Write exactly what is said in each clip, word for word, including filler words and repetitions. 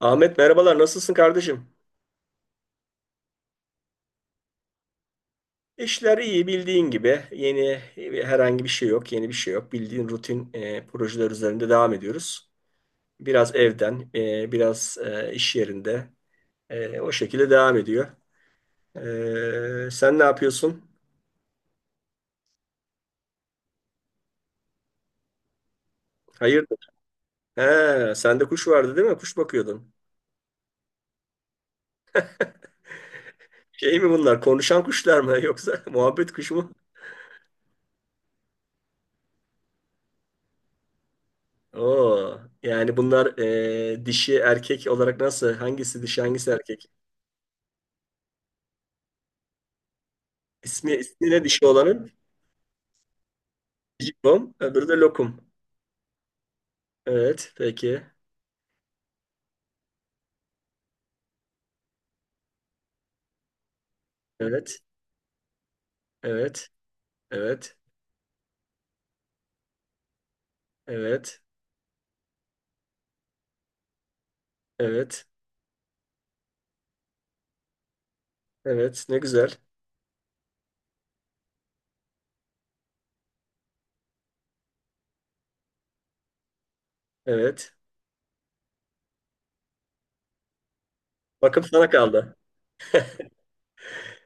Ahmet merhabalar, nasılsın kardeşim? İşler iyi, bildiğin gibi yeni e, herhangi bir şey yok, yeni bir şey yok, bildiğin rutin e, projeler üzerinde devam ediyoruz. Biraz evden, e, biraz e, iş yerinde, e, o şekilde devam ediyor. E, sen ne yapıyorsun? Hayırdır? He, sende kuş vardı değil mi? Kuş bakıyordun. Şey mi bunlar, konuşan kuşlar mı yoksa muhabbet kuşu mu? Oo, yani bunlar e, dişi erkek olarak nasıl? Hangisi dişi, hangisi erkek? İsmi, ismi ne dişi olanın? Jibom, öbürü de lokum. Evet, peki. Evet, evet, evet, evet, evet, evet. Ne güzel. Evet. Bakım sana kaldı.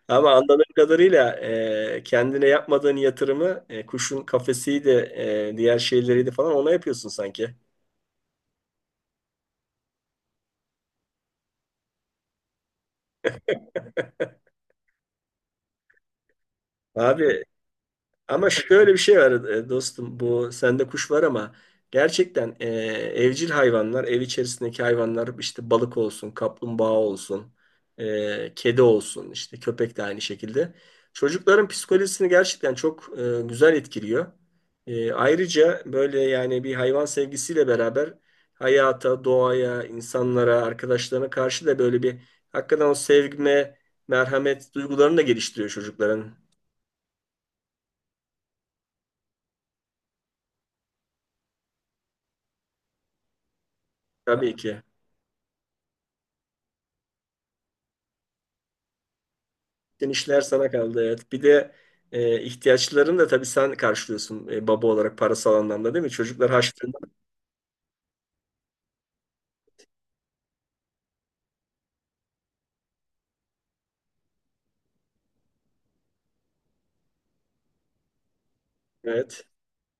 Ama anladığım kadarıyla e, kendine yapmadığın yatırımı, e, kuşun kafesiydi, e, diğer şeyleriydi falan ona yapıyorsun sanki. Abi, ama şöyle bir şey var e, dostum. Bu, sende kuş var ama gerçekten e, evcil hayvanlar, ev içerisindeki hayvanlar, işte balık olsun, kaplumbağa olsun, e, kedi olsun, işte köpek de aynı şekilde. Çocukların psikolojisini gerçekten çok e, güzel etkiliyor. E, ayrıca böyle yani bir hayvan sevgisiyle beraber hayata, doğaya, insanlara, arkadaşlarına karşı da böyle bir hakikaten o sevgime, merhamet duygularını da geliştiriyor çocukların. Tabii ki. Bütün işler sana kaldı, evet. Bir de e, ihtiyaçlarını da tabii sen karşılıyorsun e, baba olarak, parasal anlamda, değil mi? Çocuklar harçlığında. Evet,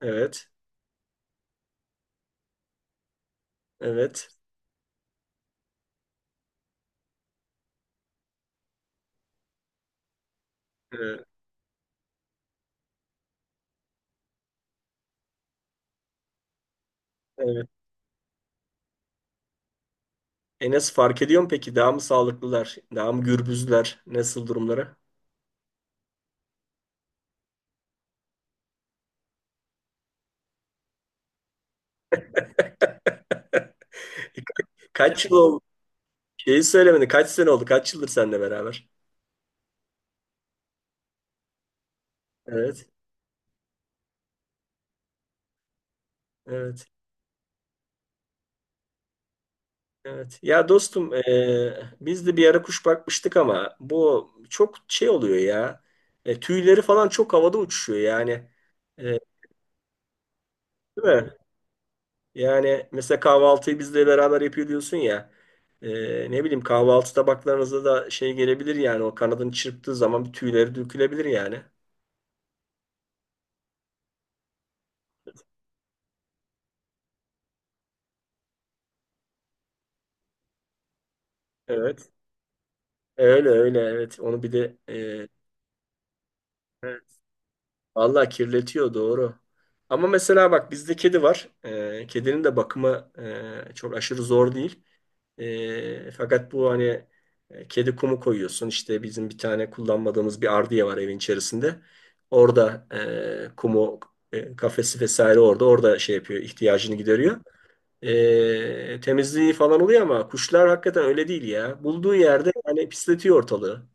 evet, evet. e, evet. Enes fark ediyor mu peki? Daha mı sağlıklılar? Daha mı gürbüzler? Nasıl durumları? Kaç yıl oldu? Şeyi söylemedin. Kaç sene oldu? Kaç yıldır seninle beraber? Evet, evet. Evet. Ya dostum, e, biz de bir ara kuş bakmıştık ama bu çok şey oluyor ya. E, tüyleri falan çok havada uçuşuyor yani. E, değil mi? Yani mesela kahvaltıyı bizle beraber yapıyor diyorsun ya. E, ne bileyim, kahvaltı tabaklarınıza da şey gelebilir yani, o kanadını çırptığı zaman bir, tüyleri dökülebilir yani. Evet. Öyle öyle evet. Onu bir de e, vallahi kirletiyor, doğru. Ama mesela bak, bizde kedi var. Ee, kedinin de bakımı e, çok aşırı zor değil. Ee, fakat bu hani e, kedi kumu koyuyorsun. İşte bizim bir tane kullanmadığımız bir ardiye var evin içerisinde. Orada e, kumu, e, kafesi vesaire orada. Orada şey yapıyor, ihtiyacını gideriyor. Ee, temizliği falan oluyor ama kuşlar hakikaten öyle değil ya. Bulduğu yerde yani pisletiyor ortalığı.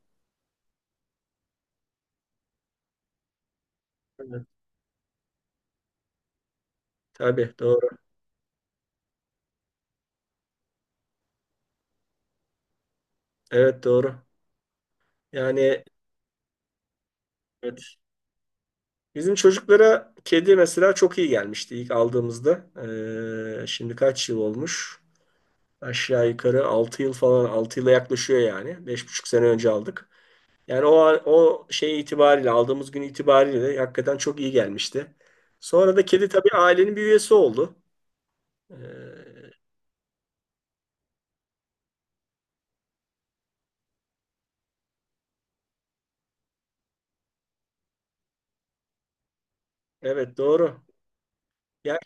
Evet. Tabii doğru. Evet, doğru. Yani, evet. Bizim çocuklara kedi mesela çok iyi gelmişti ilk aldığımızda. Ee, şimdi kaç yıl olmuş? Aşağı yukarı altı yıl falan, altı yıla yaklaşıyor yani. Beş buçuk sene önce aldık. Yani o an- o şey itibariyle, aldığımız gün itibariyle de hakikaten çok iyi gelmişti. Sonra da kedi tabii ailenin bir üyesi oldu. Ee, evet doğru. Ya,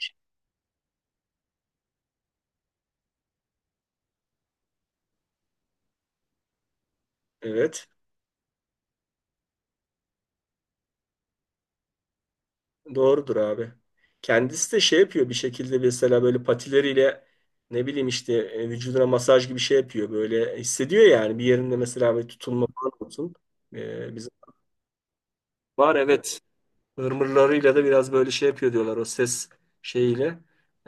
evet. Doğrudur abi. Kendisi de şey yapıyor bir şekilde, mesela böyle patileriyle, ne bileyim işte e, vücuduna masaj gibi şey yapıyor. Böyle hissediyor yani bir yerinde mesela böyle tutulma falan olsun. Ee, bizim var, evet. Irmırlarıyla da biraz böyle şey yapıyor diyorlar, o ses şeyiyle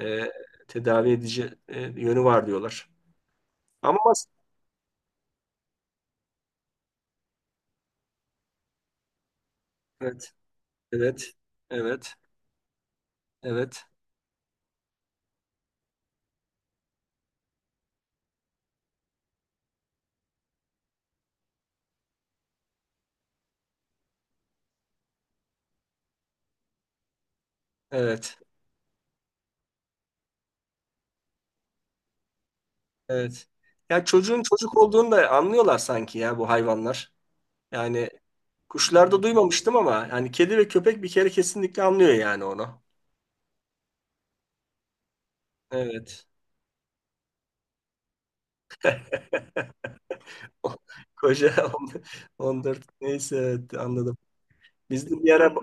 e, tedavi edici e, yönü var diyorlar. Ama mas- evet, evet, evet, evet, evet, evet. Ya çocuğun çocuk olduğunu da anlıyorlar sanki ya bu hayvanlar. Yani kuşlarda duymamıştım ama yani kedi ve köpek bir kere kesinlikle anlıyor yani onu. Evet. Koca on dört, neyse evet, anladım. Biz de bir ara,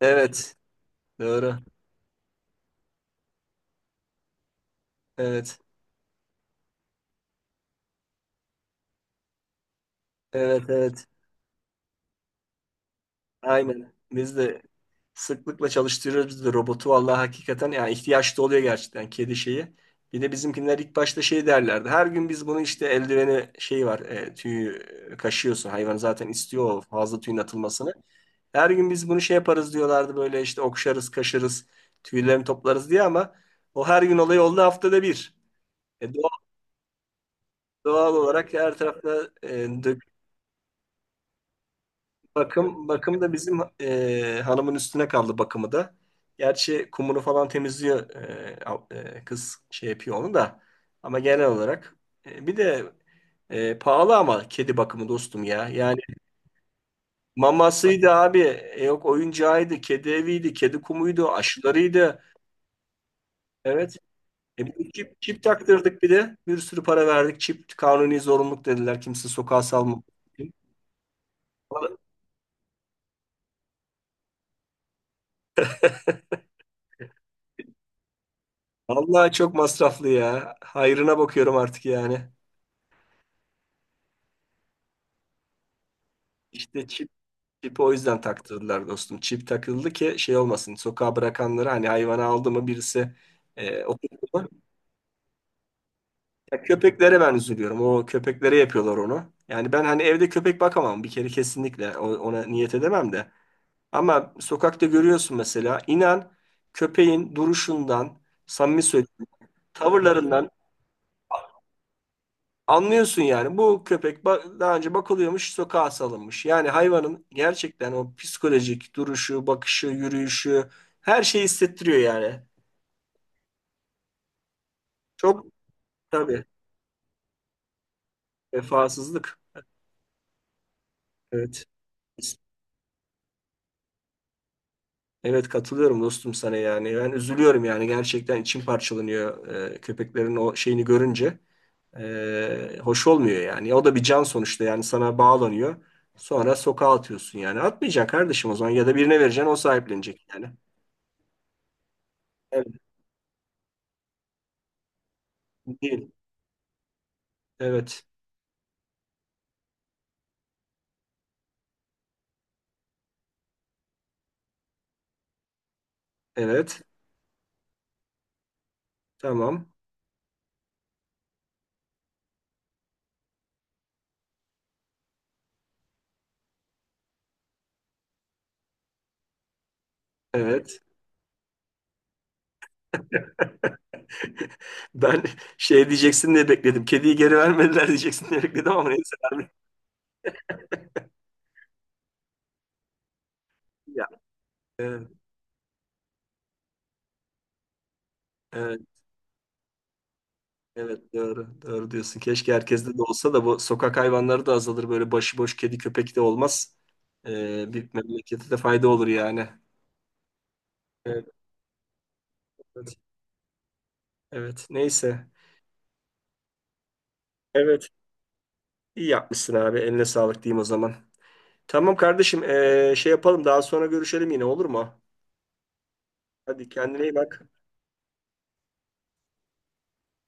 evet doğru. Evet. Evet, evet. Aynen. Biz de sıklıkla çalıştırıyoruz biz de robotu. Vallahi hakikaten yani ihtiyaç da oluyor gerçekten kedi şeyi. Bir de bizimkiler ilk başta şey derlerdi. Her gün biz bunu işte eldiveni şey var, e, tüyü e, kaşıyorsun. Hayvan zaten istiyor o fazla tüyün atılmasını. Her gün biz bunu şey yaparız diyorlardı böyle, işte okşarız, kaşırız, tüylerini toplarız diye, ama o her gün olayı oldu haftada bir. E, doğal, doğal olarak her tarafta e, bakım, bakım da bizim e, hanımın üstüne kaldı bakımı da. Gerçi kumunu falan temizliyor, e, al- e, kız şey yapıyor onu da. Ama genel olarak e, bir de e, pahalı ama kedi bakımı dostum ya. Yani mamasıydı abi. E, yok oyuncağıydı, kedi eviydi, kedi kumuydu, aşılarıydı. Evet. E, bir çip, çip taktırdık bir de. Bir sürü para verdik. Çip kanuni zorunluluk dediler. Kimse sokağa salma. Vallahi çok masraflı ya. Hayrına bakıyorum artık yani. İşte çip, çipi o yüzden taktırdılar dostum. Çip takıldı ki şey olmasın. Sokağa bırakanları hani hayvanı aldı mı birisi e, oturdu mu? Ya köpeklere ben üzülüyorum. O köpeklere yapıyorlar onu. Yani ben hani evde köpek bakamam bir kere kesinlikle. O- ona niyet edemem de. Ama sokakta görüyorsun mesela, inan, köpeğin duruşundan, samimi söylüyorum, tavırlarından anlıyorsun yani, bu köpek ba- daha önce bakılıyormuş, sokağa salınmış. Yani hayvanın gerçekten o psikolojik duruşu, bakışı, yürüyüşü, her şeyi hissettiriyor yani. Çok tabii, vefasızlık. Evet. Evet, katılıyorum dostum sana yani. Ben üzülüyorum yani, gerçekten içim parçalanıyor e, köpeklerin o şeyini görünce. E, hoş olmuyor yani. O da bir can sonuçta, yani sana bağlanıyor. Sonra sokağa atıyorsun yani. Atmayacaksın kardeşim, o zaman ya da birine vereceksin, o sahiplenecek yani. Evet, değil. Evet. Evet. Tamam. Evet. Ben şey diyeceksin diye bekledim. Kediyi geri vermediler diyeceksin diye bekledim ama neyse, vermediler. Ya. Evet, evet, evet, doğru, doğru diyorsun. Keşke herkeste de olsa da bu sokak hayvanları da azalır. Böyle başıboş kedi köpek de olmaz. Ee, bir memlekete de fayda olur yani. Evet, evet, evet. Neyse. Evet, iyi yapmışsın abi. Eline sağlık diyeyim o zaman. Tamam kardeşim, ee, şey yapalım. Daha sonra görüşelim yine, olur mu? Hadi kendine iyi bak.